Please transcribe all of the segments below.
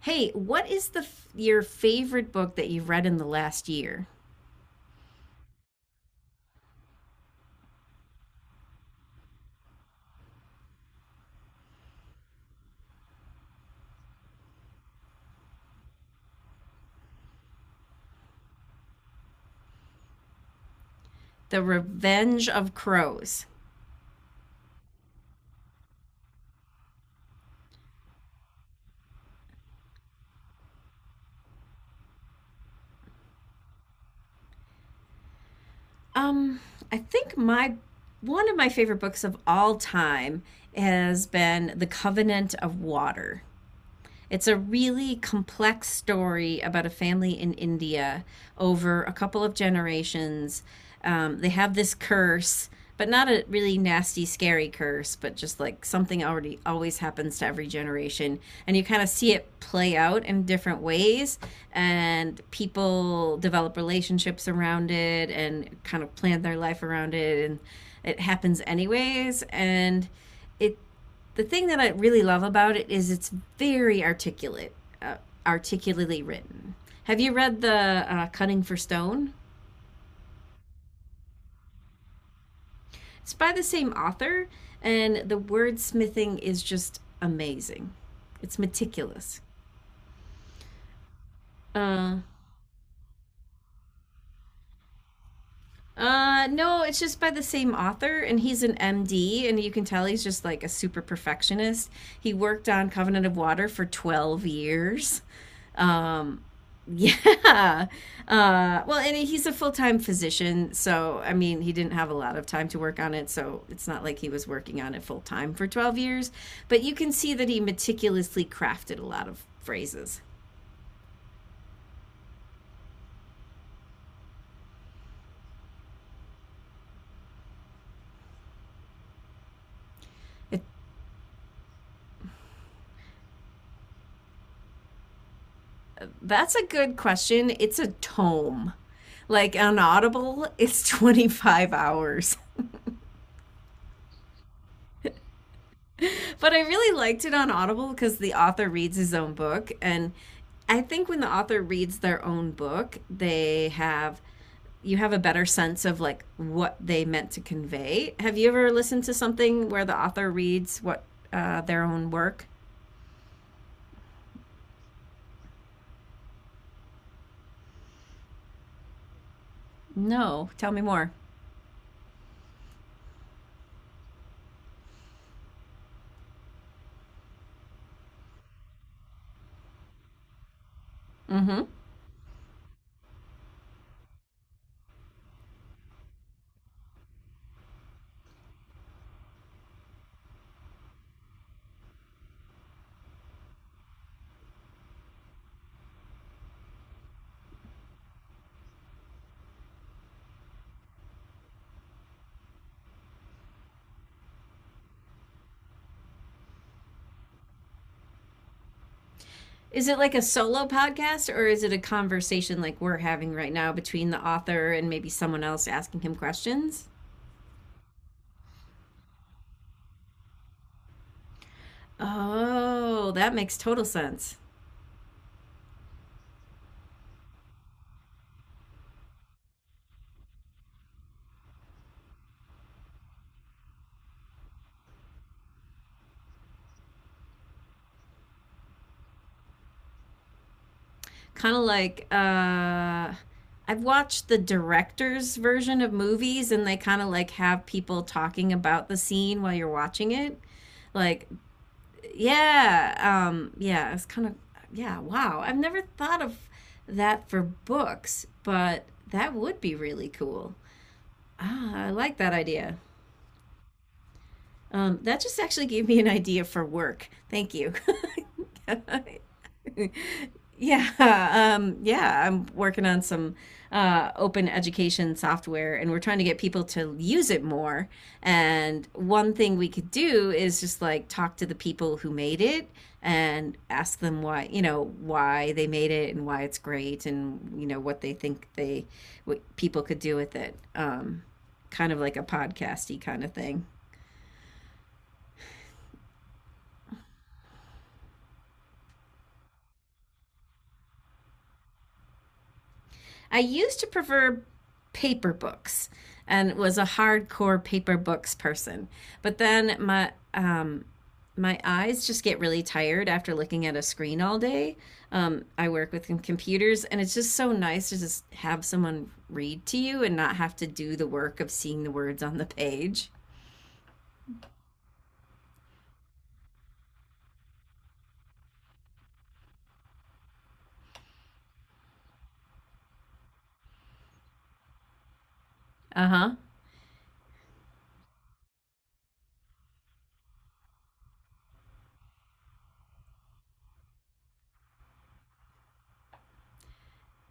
Hey, what is the your favorite book that you've read in the last year? The Revenge of Crows. Um, I think my one of my favorite books of all time has been The Covenant of Water. It's a really complex story about a family in India over a couple of generations. They have this curse, but not a really nasty, scary curse, but just like something already always happens to every generation. And you kind of see it play out in different ways, and people develop relationships around it and kind of plan their life around it. And it happens anyways. And it The thing that I really love about it is it's very articulate, uh, articulately written. Have you read the Cutting for Stone? It's by the same author, and the wordsmithing is just amazing. It's meticulous. Uh, no, it's just by the same author, and he's an MD, and you can tell he's just like a super perfectionist. He worked on Covenant of Water for 12 years. Um, yeah. Well, and he's a full time physician. So, I mean, he didn't have a lot of time to work on it. So, it's not like he was working on it full time for 12 years. But you can see that he meticulously crafted a lot of phrases. It, that's a good question. It's a tome. Like on Audible, it's 25 hours. But I really liked it on Audible because the author reads his own book. And I think when the author reads their own book, they have you have a better sense of like what they meant to convey. Have you ever listened to something where the author reads what their own work? No, tell me more. Mm-hmm. Is it like a solo podcast or is it a conversation like we're having right now between the author and maybe someone else asking him questions? Oh, that makes total sense. Kind of like I've watched the director's version of movies and they kind of like have people talking about the scene while you're watching it. Like, yeah, yeah, it's kind of, yeah, Wow, I've never thought of that for books, but that would be really cool. Ah, I like that idea. That just actually gave me an idea for work. Thank you. Yeah, yeah, I'm working on some open education software and we're trying to get people to use it more. And one thing we could do is just like talk to the people who made it and ask them why, you know, why they made it and why it's great and, you know, what they think they, what people could do with it. Kind of like a podcasty kind of thing. I used to prefer paper books and was a hardcore paper books person. But then my eyes just get really tired after looking at a screen all day. I work with computers, and it's just so nice to just have someone read to you and not have to do the work of seeing the words on the page. Uh huh.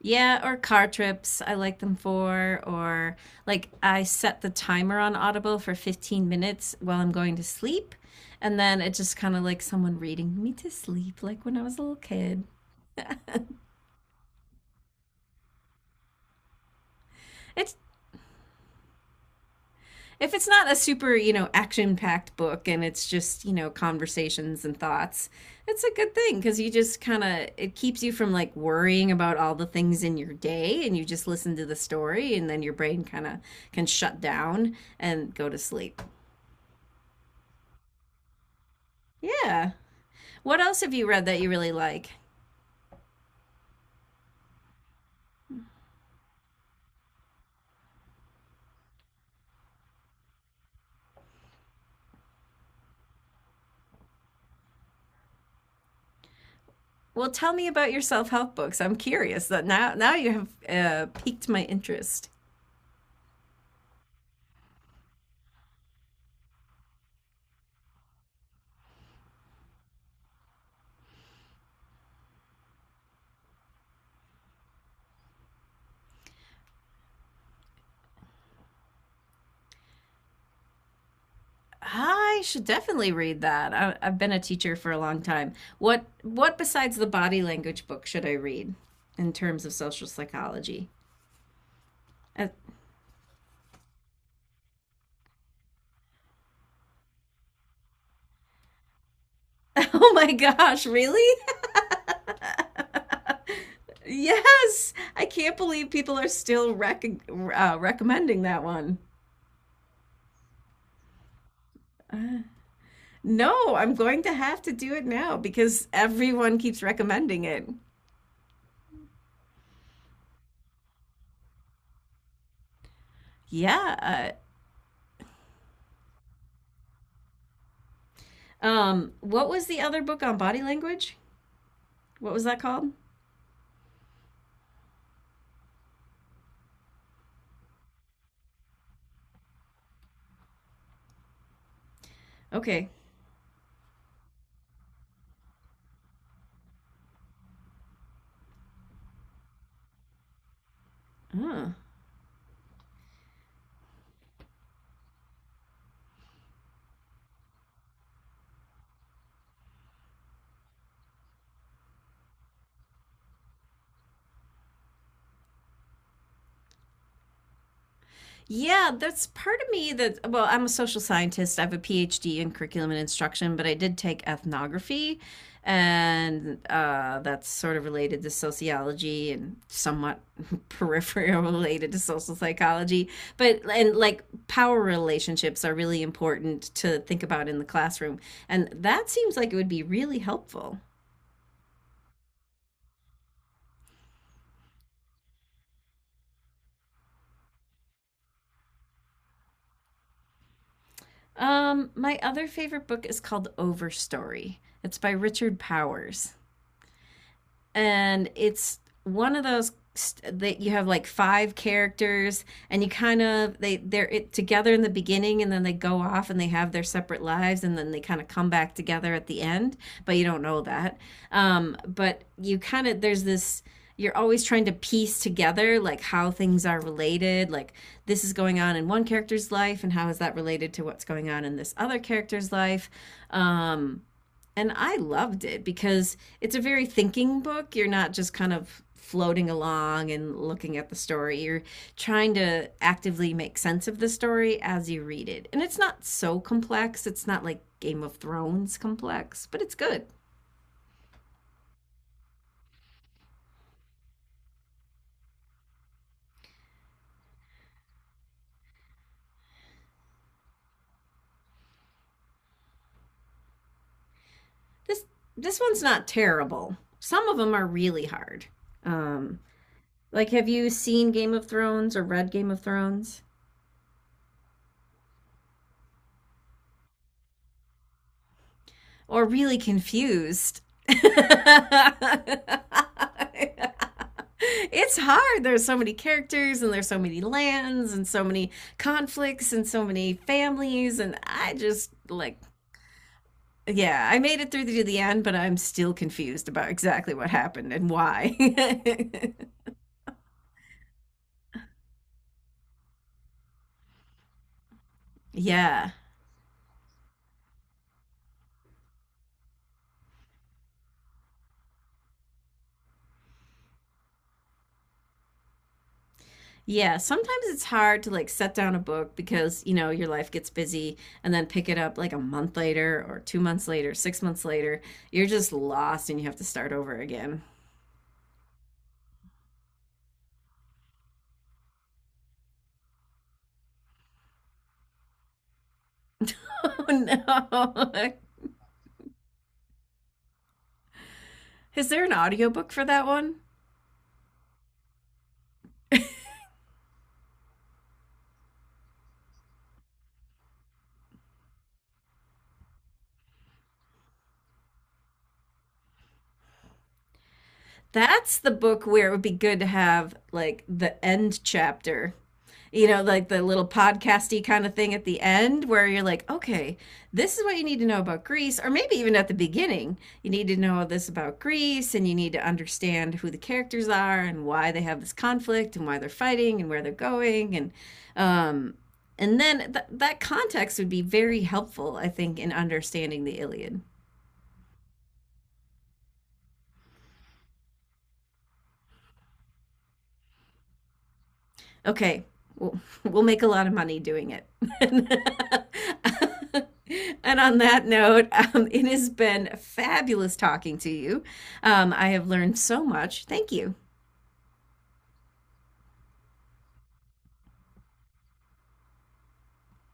Yeah, or car trips, I like them for, or like I set the timer on Audible for 15 minutes while I'm going to sleep. And then it's just kind of like someone reading me to sleep, like when I was a little kid. It's if it's not a super, you know, action-packed book and it's just, you know, conversations and thoughts, it's a good thing because you just kind of it keeps you from like worrying about all the things in your day and you just listen to the story and then your brain kind of can shut down and go to sleep. Yeah. What else have you read that you really like? Well, tell me about your self-help books. I'm curious that now you have piqued my interest. I should definitely read that. I've been a teacher for a long time. What besides the body language book should I read in terms of social psychology? Uh, oh my gosh, really? Yes, I can't believe people are still recommending that one. No, I'm going to have to do it now because everyone keeps recommending it. Yeah. What was the other book on body language? What was that called? Okay. Oh. Yeah, that's part of me that, well, I'm a social scientist. I have a PhD in curriculum and instruction, but I did take ethnography, and that's sort of related to sociology and somewhat peripheral related to social psychology. But, and like power relationships are really important to think about in the classroom. And that seems like it would be really helpful. My other favorite book is called Overstory. It's by Richard Powers, and it's one of those that you have like five characters and you kind of they they're it, together in the beginning, and then they go off and they have their separate lives, and then they kind of come back together at the end, but you don't know that. But you kind of There's this, you're always trying to piece together like how things are related, like this is going on in one character's life and how is that related to what's going on in this other character's life. um and I loved it because it's a very thinking book. You're not just kind of floating along and looking at the story. You're trying to actively make sense of the story as you read it. And it's not so complex. It's not like Game of Thrones complex, but it's good. This this one's not terrible. Some of them are really hard. Um, like have you seen Game of Thrones or read Game of Thrones? Or really confused. It's hard. There's so many characters and there's so many lands and so many conflicts and so many families and I just like, yeah, I made it through to the end, but I'm still confused about exactly what happened and why. yeah. Yeah, sometimes it's hard to like set down a book because, you know, your life gets busy and then pick it up like a month later or 2 months later, 6 months later. You're just lost and you have to start over again. Oh no. Is there an audiobook for that one? That's the book where it would be good to have like the end chapter, you know, like the little podcasty kind of thing at the end where you're like, okay, this is what you need to know about Greece, or maybe even at the beginning, you need to know this about Greece and you need to understand who the characters are and why they have this conflict and why they're fighting and where they're going, and um, that context would be very helpful, I think, in understanding the Iliad. Okay, we'll, we'll make a lot of money doing it. And on that note, it has been fabulous talking to you. I have learned so much. Thank you.